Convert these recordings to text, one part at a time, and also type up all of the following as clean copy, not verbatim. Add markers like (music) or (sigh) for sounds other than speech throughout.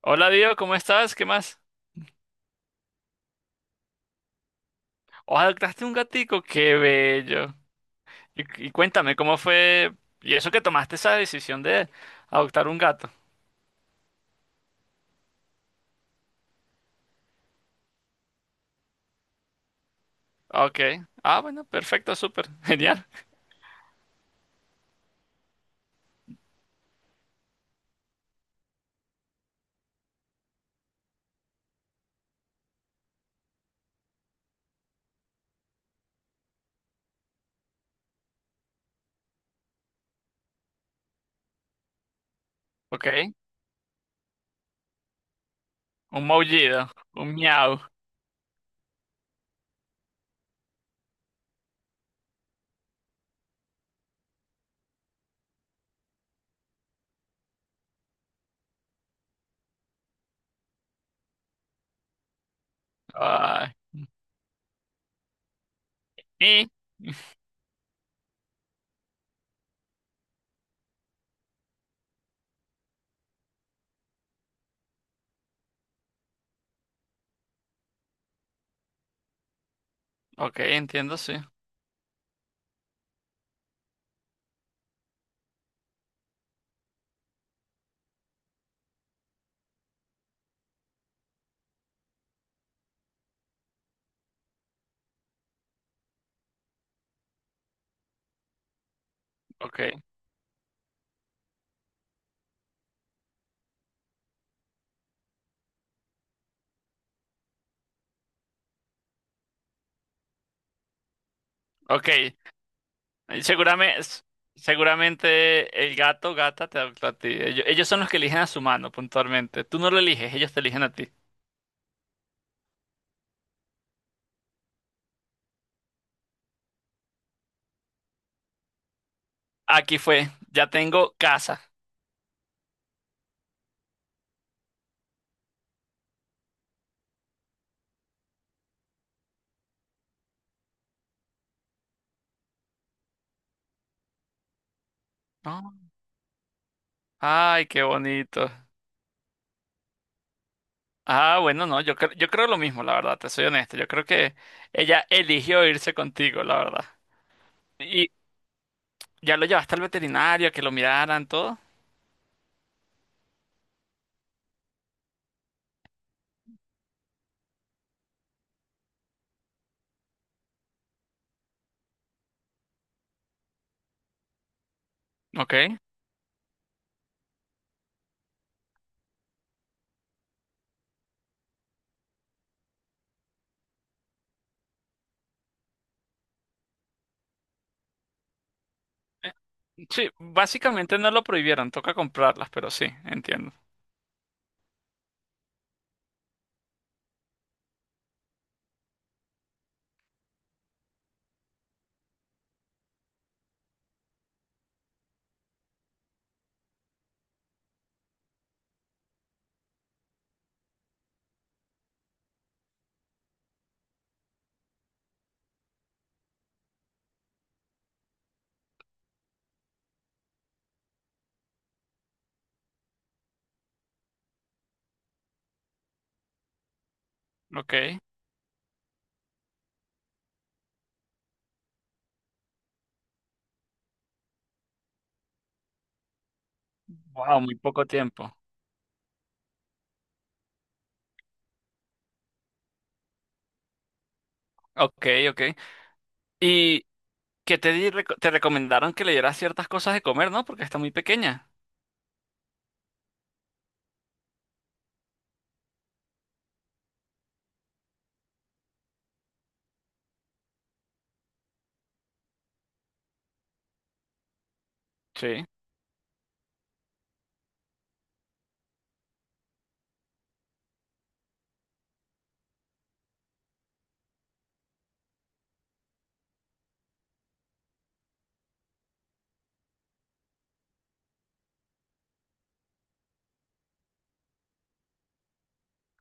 Hola Dios, ¿cómo estás? ¿Qué más? O adoptaste un gatico, qué bello. Y cuéntame, ¿cómo fue? ¿Y eso que tomaste esa decisión de adoptar un gato? Ok. Ah, bueno, perfecto, súper. (laughs) Genial. Ok. Un maullido, un miau. Ay. Y, ok, entiendo, sí. Ok, ok. Seguramente, seguramente el gato, gata te adoptó a ti. Ellos son los que eligen a su mano, puntualmente. Tú no lo eliges, ellos te eligen a ti. Aquí fue, ya tengo casa. No. Ay, qué bonito. Ah, bueno, no, yo creo lo mismo, la verdad, te soy honesto. Yo creo que ella eligió irse contigo, la verdad. Y ya lo llevaste al veterinario, a que lo miraran, todo. Ok. Sí, básicamente no lo prohibieron, toca comprarlas, pero sí, entiendo. Ok. Wow, muy poco tiempo. Ok, ok. ¿Y que te di- reco- te recomendaron que le dieras ciertas cosas de comer, ¿no? Porque está muy pequeña. Sí.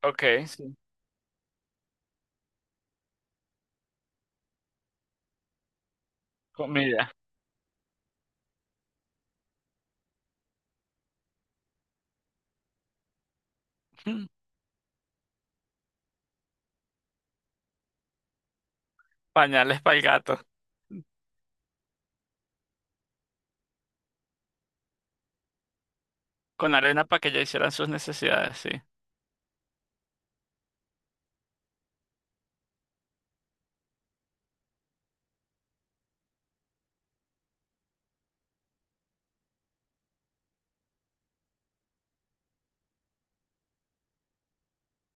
Ok, sí. Comida. (laughs) Pañales para el gato. Con arena para que ellos hicieran sus necesidades, sí.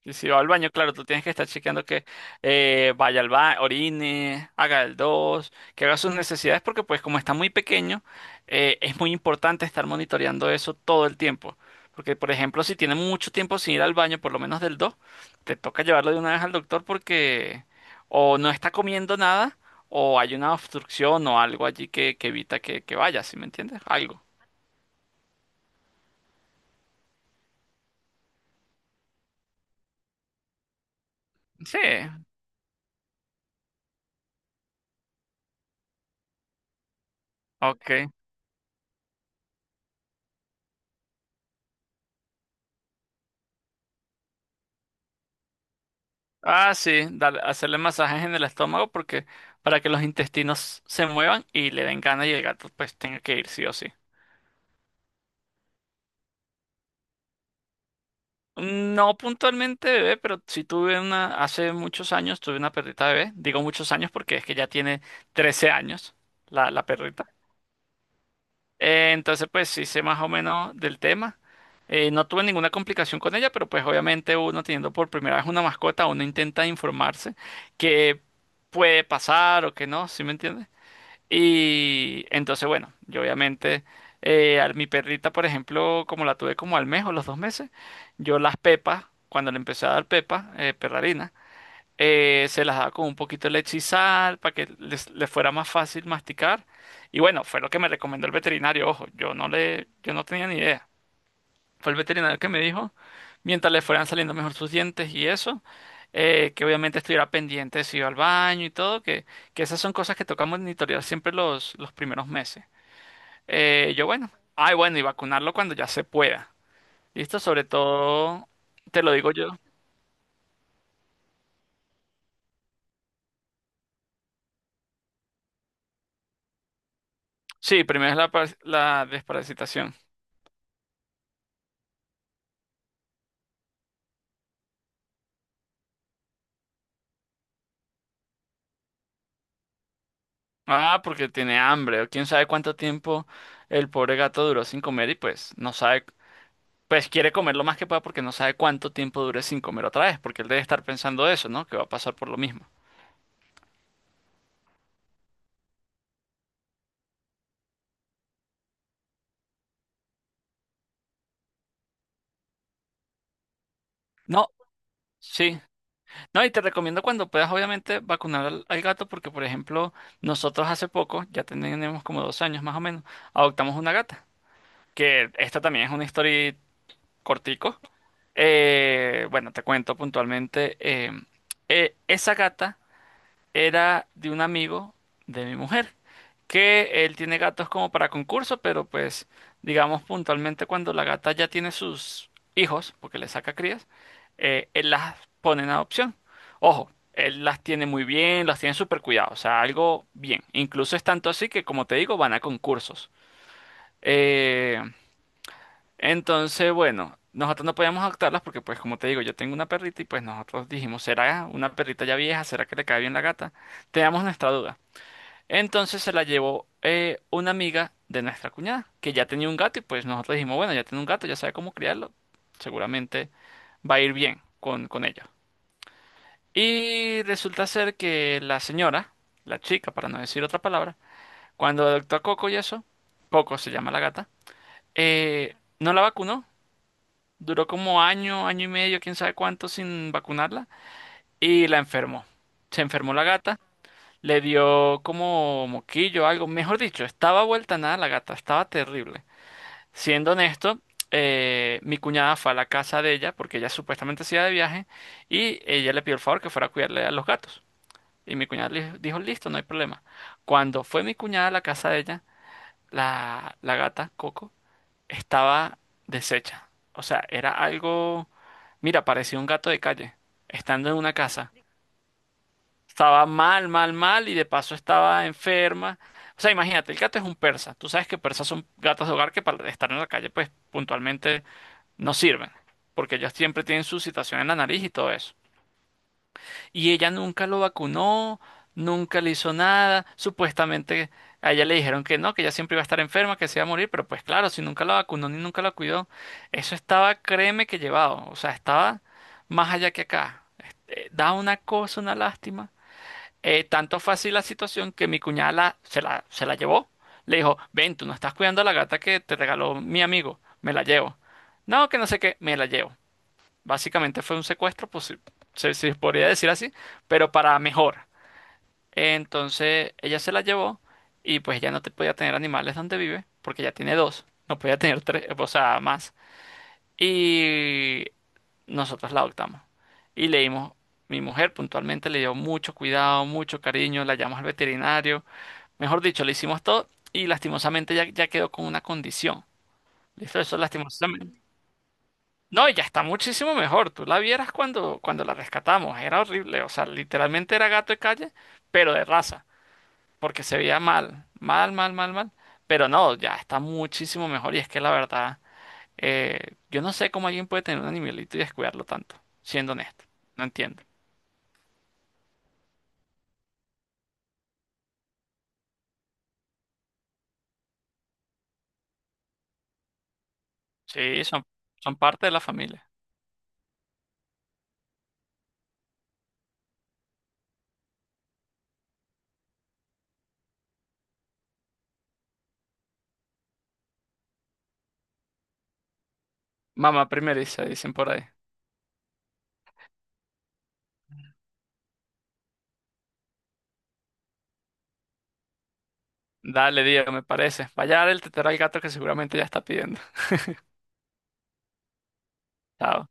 Y si va al baño, claro, tú tienes que estar chequeando que vaya al baño, orine, haga el dos, que haga sus necesidades, porque pues como está muy pequeño, es muy importante estar monitoreando eso todo el tiempo. Porque, por ejemplo, si tiene mucho tiempo sin ir al baño, por lo menos del dos, te toca llevarlo de una vez al doctor porque o no está comiendo nada, o hay una obstrucción o algo allí que evita que vaya, ¿sí me entiendes? Algo. Sí, ok. Ah, sí, dale- hacerle masajes en el estómago porque para que los intestinos se muevan y le den ganas y el gato pues tenga que ir sí o sí. No puntualmente bebé, pero sí tuve una, hace muchos años tuve una perrita bebé. Digo muchos años porque es que ya tiene 13 años la, la perrita. Entonces pues sí sé más o menos del tema. No tuve ninguna complicación con ella, pero pues obviamente uno teniendo por primera vez una mascota, uno intenta informarse qué puede pasar o qué no, ¿sí me entiendes? Y entonces, bueno, yo obviamente, a mi perrita, por ejemplo, como la tuve como al mes o los dos meses, cuando le empecé a dar pepas, perrarina, se las daba con un poquito de leche y sal para que les fuera más fácil masticar. Y bueno, fue lo que me recomendó el veterinario. Ojo, yo no tenía ni idea, fue el veterinario que me dijo, mientras le fueran saliendo mejor sus dientes y eso, que obviamente estuviera pendiente de si iba al baño y todo, que esas son cosas que toca monitorear siempre los primeros meses. Yo, bueno, ay, bueno, Y vacunarlo cuando ya se pueda. ¿Listo? Sobre todo, te lo digo yo. Sí, primero es la desparasitación. Ah, porque tiene hambre, o quién sabe cuánto tiempo el pobre gato duró sin comer y pues no sabe, pues quiere comer lo más que pueda porque no sabe cuánto tiempo dure sin comer otra vez, porque él debe estar pensando eso, ¿no? Que va a pasar por lo mismo. No, sí. No, y te recomiendo cuando puedas, obviamente, vacunar al gato porque, por ejemplo, nosotros hace poco, ya tenemos como dos años más o menos, adoptamos una gata, que esta también es una historia cortico. Bueno, te cuento puntualmente, esa gata era de un amigo de mi mujer, que él tiene gatos como para concurso, pero pues digamos puntualmente cuando la gata ya tiene sus hijos, porque le saca crías, él las pone en adopción. Ojo, él las tiene muy bien, las tiene súper cuidado, o sea, algo bien. Incluso es tanto así que, como te digo, van a concursos. Eh, entonces, bueno, nosotros no podíamos adoptarlas porque, pues, como te digo, yo tengo una perrita y pues nosotros dijimos, ¿será una perrita ya vieja? ¿Será que le cae bien la gata? Teníamos nuestra duda. Entonces se la llevó una amiga de nuestra cuñada, que ya tenía un gato y pues nosotros dijimos, bueno, ya tiene un gato, ya sabe cómo criarlo, seguramente va a ir bien con ello. Y resulta ser que la señora, la chica, para no decir otra palabra, cuando adoptó a Coco y eso, Coco se llama la gata, no la vacunó, duró como año, año y medio, quién sabe cuánto sin vacunarla, y la enfermó. Se enfermó la gata. Le dio como moquillo, o algo. Mejor dicho, estaba vuelta a nada la gata, estaba terrible. Siendo honesto, mi cuñada fue a la casa de ella, porque ella supuestamente se iba de viaje, y ella le pidió el favor que fuera a cuidarle a los gatos. Y mi cuñada le dijo, listo, no hay problema. Cuando fue mi cuñada a la casa de ella, la gata, Coco, estaba deshecha. O sea, era algo, mira, parecía un gato de calle, estando en una casa. Estaba mal, mal, mal y de paso estaba enferma. O sea, imagínate, el gato es un persa. Tú sabes que persas son gatos de hogar que para estar en la calle, pues puntualmente no sirven, porque ellos siempre tienen su situación en la nariz y todo eso. Y ella nunca lo vacunó, nunca le hizo nada. Supuestamente a ella le dijeron que no, que ella siempre iba a estar enferma, que se iba a morir, pero pues claro, si nunca la vacunó ni nunca la cuidó, eso estaba, créeme que llevado. O sea, estaba más allá que acá. Este, da una cosa, una lástima. Tanto fue así la situación que mi cuñada se la llevó. Le dijo, ven, tú no estás cuidando a la gata que te regaló mi amigo, me la llevo. No, que no sé qué, me la llevo. Básicamente fue un secuestro, pues sí, si se podría decir así, pero para mejor. Entonces ella se la llevó y pues ya no te podía tener animales donde vive, porque ya tiene dos, no podía tener tres, o sea, más. Y nosotros la adoptamos. Y le dimos, mi mujer puntualmente le dio mucho cuidado, mucho cariño, la llamamos al veterinario, mejor dicho, le hicimos todo y lastimosamente ya quedó con una condición. ¿Listo? Eso lastimosamente. No, ya está muchísimo mejor. Tú la vieras cuando la rescatamos. Era horrible. O sea, literalmente era gato de calle, pero de raza. Porque se veía mal. Mal, mal, mal, mal. Pero no, ya está muchísimo mejor. Y es que la verdad. Yo no sé cómo alguien puede tener un animalito y descuidarlo tanto, siendo honesto. No entiendo. Sí, son, son parte de la familia. Mamá primeriza, dicen por ahí. Dale, Diego, me parece. Vaya a dar el tetero al gato que seguramente ya está pidiendo. (laughs) Chao.